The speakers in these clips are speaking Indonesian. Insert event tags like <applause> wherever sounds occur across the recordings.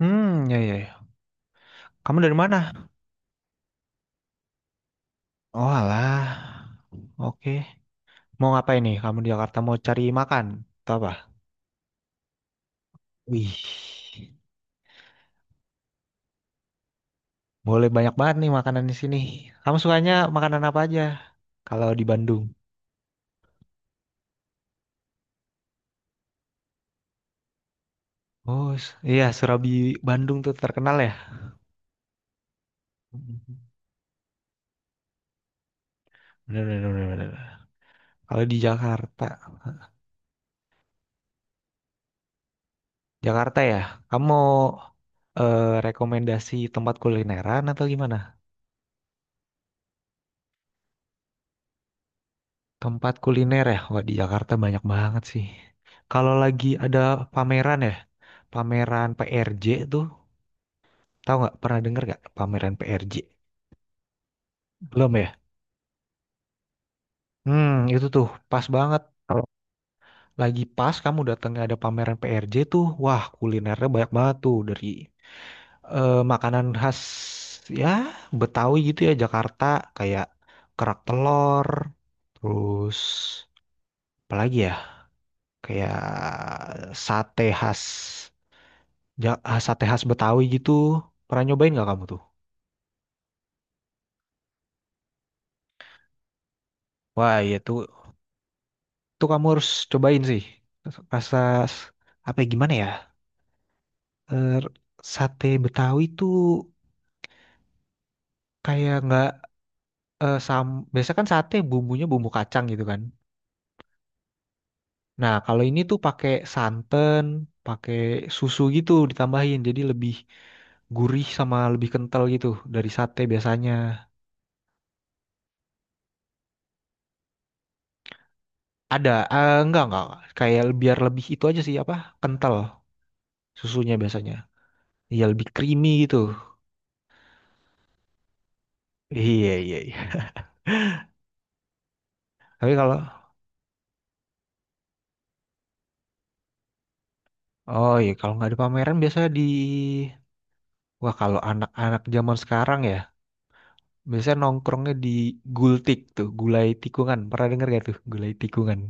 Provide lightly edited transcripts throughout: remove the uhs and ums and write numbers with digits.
Hmm, ya, ya, ya. Kamu dari mana? Oh alah. Oke. Mau ngapain nih? Kamu di Jakarta mau cari makan atau apa? Wih. Boleh banyak banget nih makanan di sini. Kamu sukanya makanan apa aja? Kalau di Bandung. Oh, iya Surabi Bandung tuh terkenal ya. Bener, bener, bener, bener. Kalau di Jakarta, Jakarta ya. Kamu mau rekomendasi tempat kulineran atau gimana? Tempat kuliner ya, wah di Jakarta banyak banget sih. Kalau lagi ada pameran ya, pameran PRJ tuh, tahu nggak? Pernah denger nggak pameran PRJ? Belum ya? Itu tuh pas banget. Kalau lagi pas kamu datangnya ada pameran PRJ tuh, wah kulinernya banyak banget tuh dari makanan khas ya Betawi gitu ya Jakarta kayak kerak telur, terus apalagi ya kayak sate khas sate khas Betawi gitu. Pernah nyobain nggak kamu tuh? Wah, iya tuh, tuh kamu harus cobain sih. Rasa s- apa ya, gimana ya? Er, sate Betawi tuh kayak nggak sam. Biasa kan sate bumbunya bumbu kacang gitu kan. Nah, kalau ini tuh pakai santan, pakai susu gitu ditambahin, jadi lebih gurih sama lebih kental gitu dari sate biasanya. Ada, enggak, enggak, kayak biar lebih itu aja sih apa kental susunya biasanya. Iya lebih creamy gitu. Iya, iya, iya. Tapi kalau oh iya kalau nggak ada pameran biasanya di wah kalau anak-anak zaman sekarang ya biasanya nongkrongnya di Gultik tuh gulai tikungan. Pernah denger gak tuh gulai tikungan?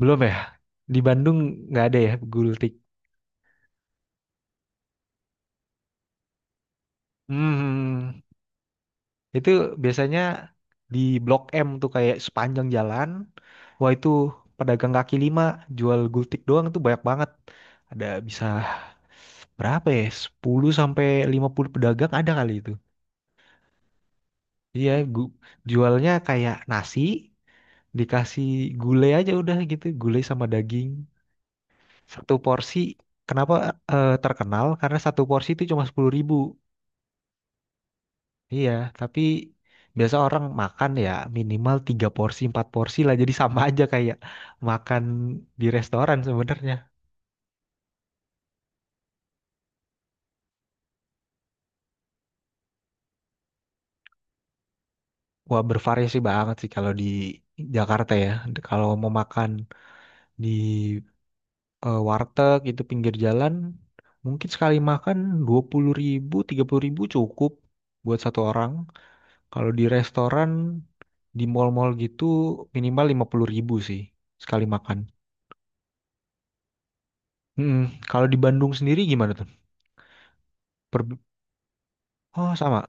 Belum ya? Di Bandung nggak ada ya gultik. Hmm. Itu biasanya di Blok M tuh kayak sepanjang jalan. Wah itu pedagang kaki lima jual gultik doang itu banyak banget. Ada bisa berapa ya? 10 sampai 50 pedagang ada kali itu. Iya, jualnya kayak nasi dikasih gulai aja udah gitu, gulai sama daging. Satu porsi kenapa terkenal? Karena satu porsi itu cuma 10.000. Iya, tapi biasa orang makan ya minimal 3 porsi, 4 porsi lah. Jadi sama aja kayak makan di restoran sebenarnya. Wah, bervariasi banget sih kalau di Jakarta ya. Kalau mau makan di warteg itu pinggir jalan, mungkin sekali makan 20.000, 30.000 cukup buat satu orang. Kalau di restoran, di mall-mall gitu minimal 50.000 sih sekali makan. Mm-mm. Kalau di Bandung sendiri gimana tuh? Oh sama.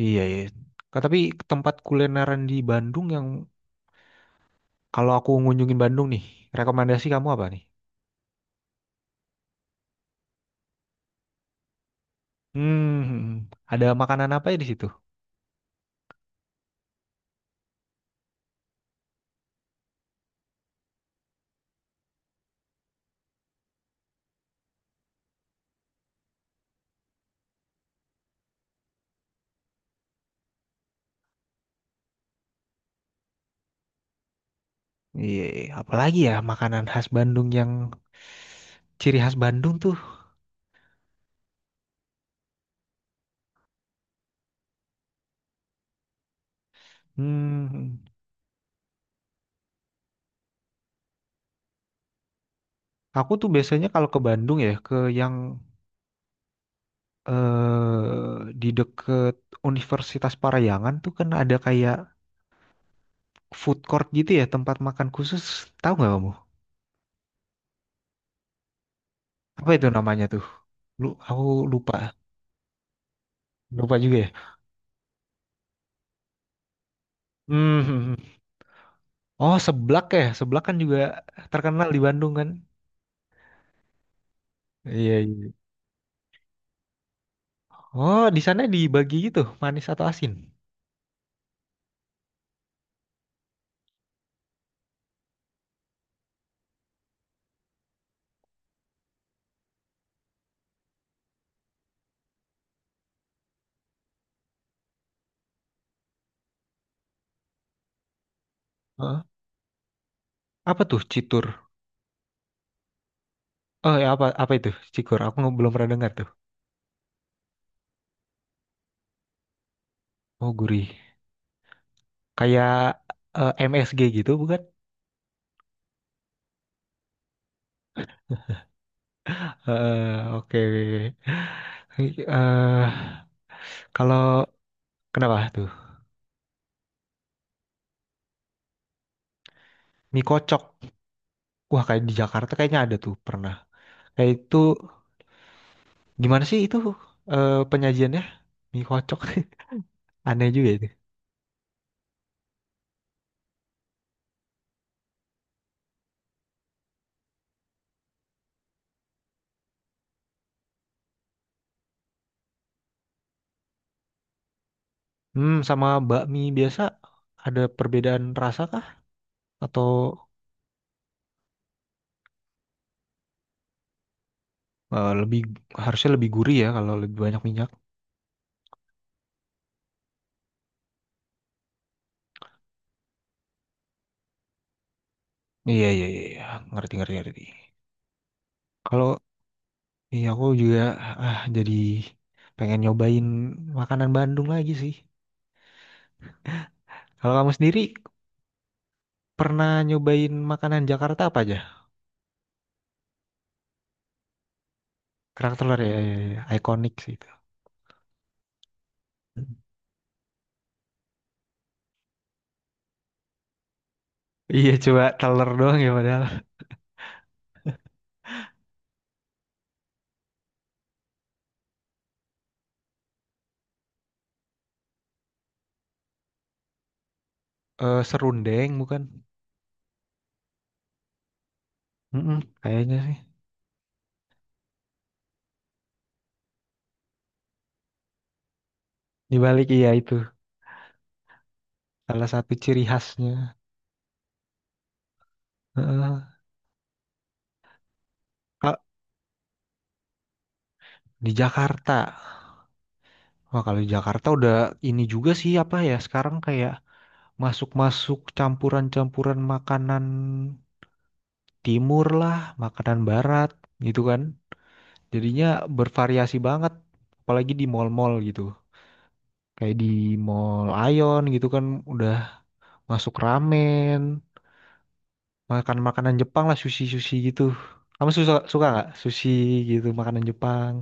Iya iya. Tapi tempat kulineran di Bandung yang kalau aku ngunjungin Bandung nih, rekomendasi kamu apa nih? Hmm, ada makanan apa ya di situ? Iya, iya, apalagi ya makanan khas Bandung yang ciri khas Bandung tuh. Hmm, aku tuh biasanya kalau ke Bandung ya ke yang di deket Universitas Parayangan tuh kan ada kayak food court gitu ya tempat makan khusus. Tahu nggak kamu? Apa itu namanya tuh? Aku lupa, lupa juga ya. Hmm. Hmm, hmm. Oh, seblak ya. Seblak kan juga terkenal di Bandung kan? Iya, iya. Oh, di sana dibagi gitu, manis atau asin? Heeh. Apa tuh citur? Oh, ya apa apa itu? Cikur. Aku belum pernah dengar tuh. Oh, gurih. Kayak MSG gitu bukan? Eh, oke. Eh, kalau kenapa tuh? Mie kocok. Wah, kayak di Jakarta kayaknya ada tuh pernah. Kayak itu gimana sih itu penyajiannya? Mie kocok. <laughs> Aneh juga itu. Hmm, sama bakmi biasa ada perbedaan rasa kah? Atau eh, lebih harusnya lebih gurih ya kalau lebih banyak minyak? Iya iya iya, iya. Ngerti ngerti ngerti. Kalau iya aku juga ah jadi pengen nyobain makanan Bandung lagi sih. Kalau kamu sendiri pernah nyobain makanan Jakarta apa aja? Kerak telur ya, ya, ya. Ikonik sih itu. <laughs> Iya coba telur doang ya padahal. Eh, serundeng bukan? Mm-mm, kayaknya sih. Dibalik iya itu salah satu ciri khasnya. Heeh. Kak, di Jakarta. Wah, kalau di Jakarta udah ini juga sih apa ya sekarang kayak masuk-masuk campuran-campuran makanan timur lah, makanan barat gitu kan. Jadinya bervariasi banget, apalagi di mall-mall gitu. Kayak di Mall Aeon gitu kan udah masuk ramen, makan makanan Jepang lah, sushi-sushi gitu. Kamu suka suka nggak sushi gitu makanan Jepang?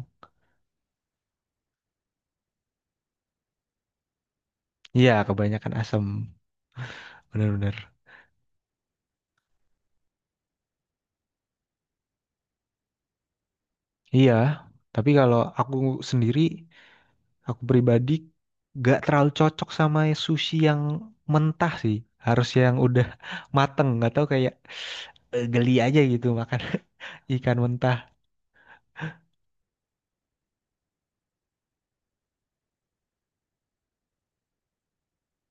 Iya, kebanyakan asam, bener-bener. Iya, tapi kalau aku sendiri, aku pribadi gak terlalu cocok sama sushi yang mentah sih. Harus yang udah <laughs> mateng, gak tahu kayak geli aja gitu makan <laughs> ikan mentah.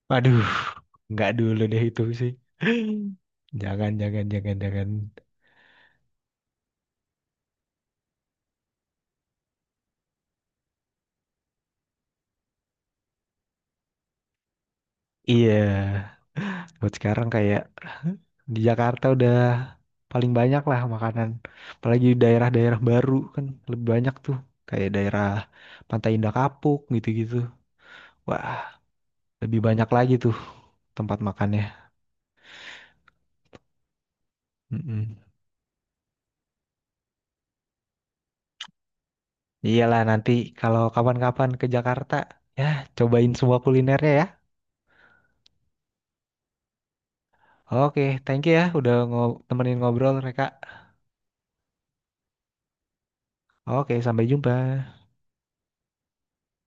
Waduh, nggak dulu deh itu sih. <laughs> Jangan, jangan, jangan, jangan. Iya, buat sekarang kayak di Jakarta udah paling banyak lah makanan. Apalagi di daerah-daerah baru kan lebih banyak tuh. Kayak daerah Pantai Indah Kapuk gitu-gitu. Wah, lebih banyak lagi tuh tempat makannya. Mm-mm. Iyalah nanti kalau kapan-kapan ke Jakarta, ya cobain semua kulinernya ya. Oke, thank you ya udah temenin ngobrol mereka. Oke, sampai jumpa.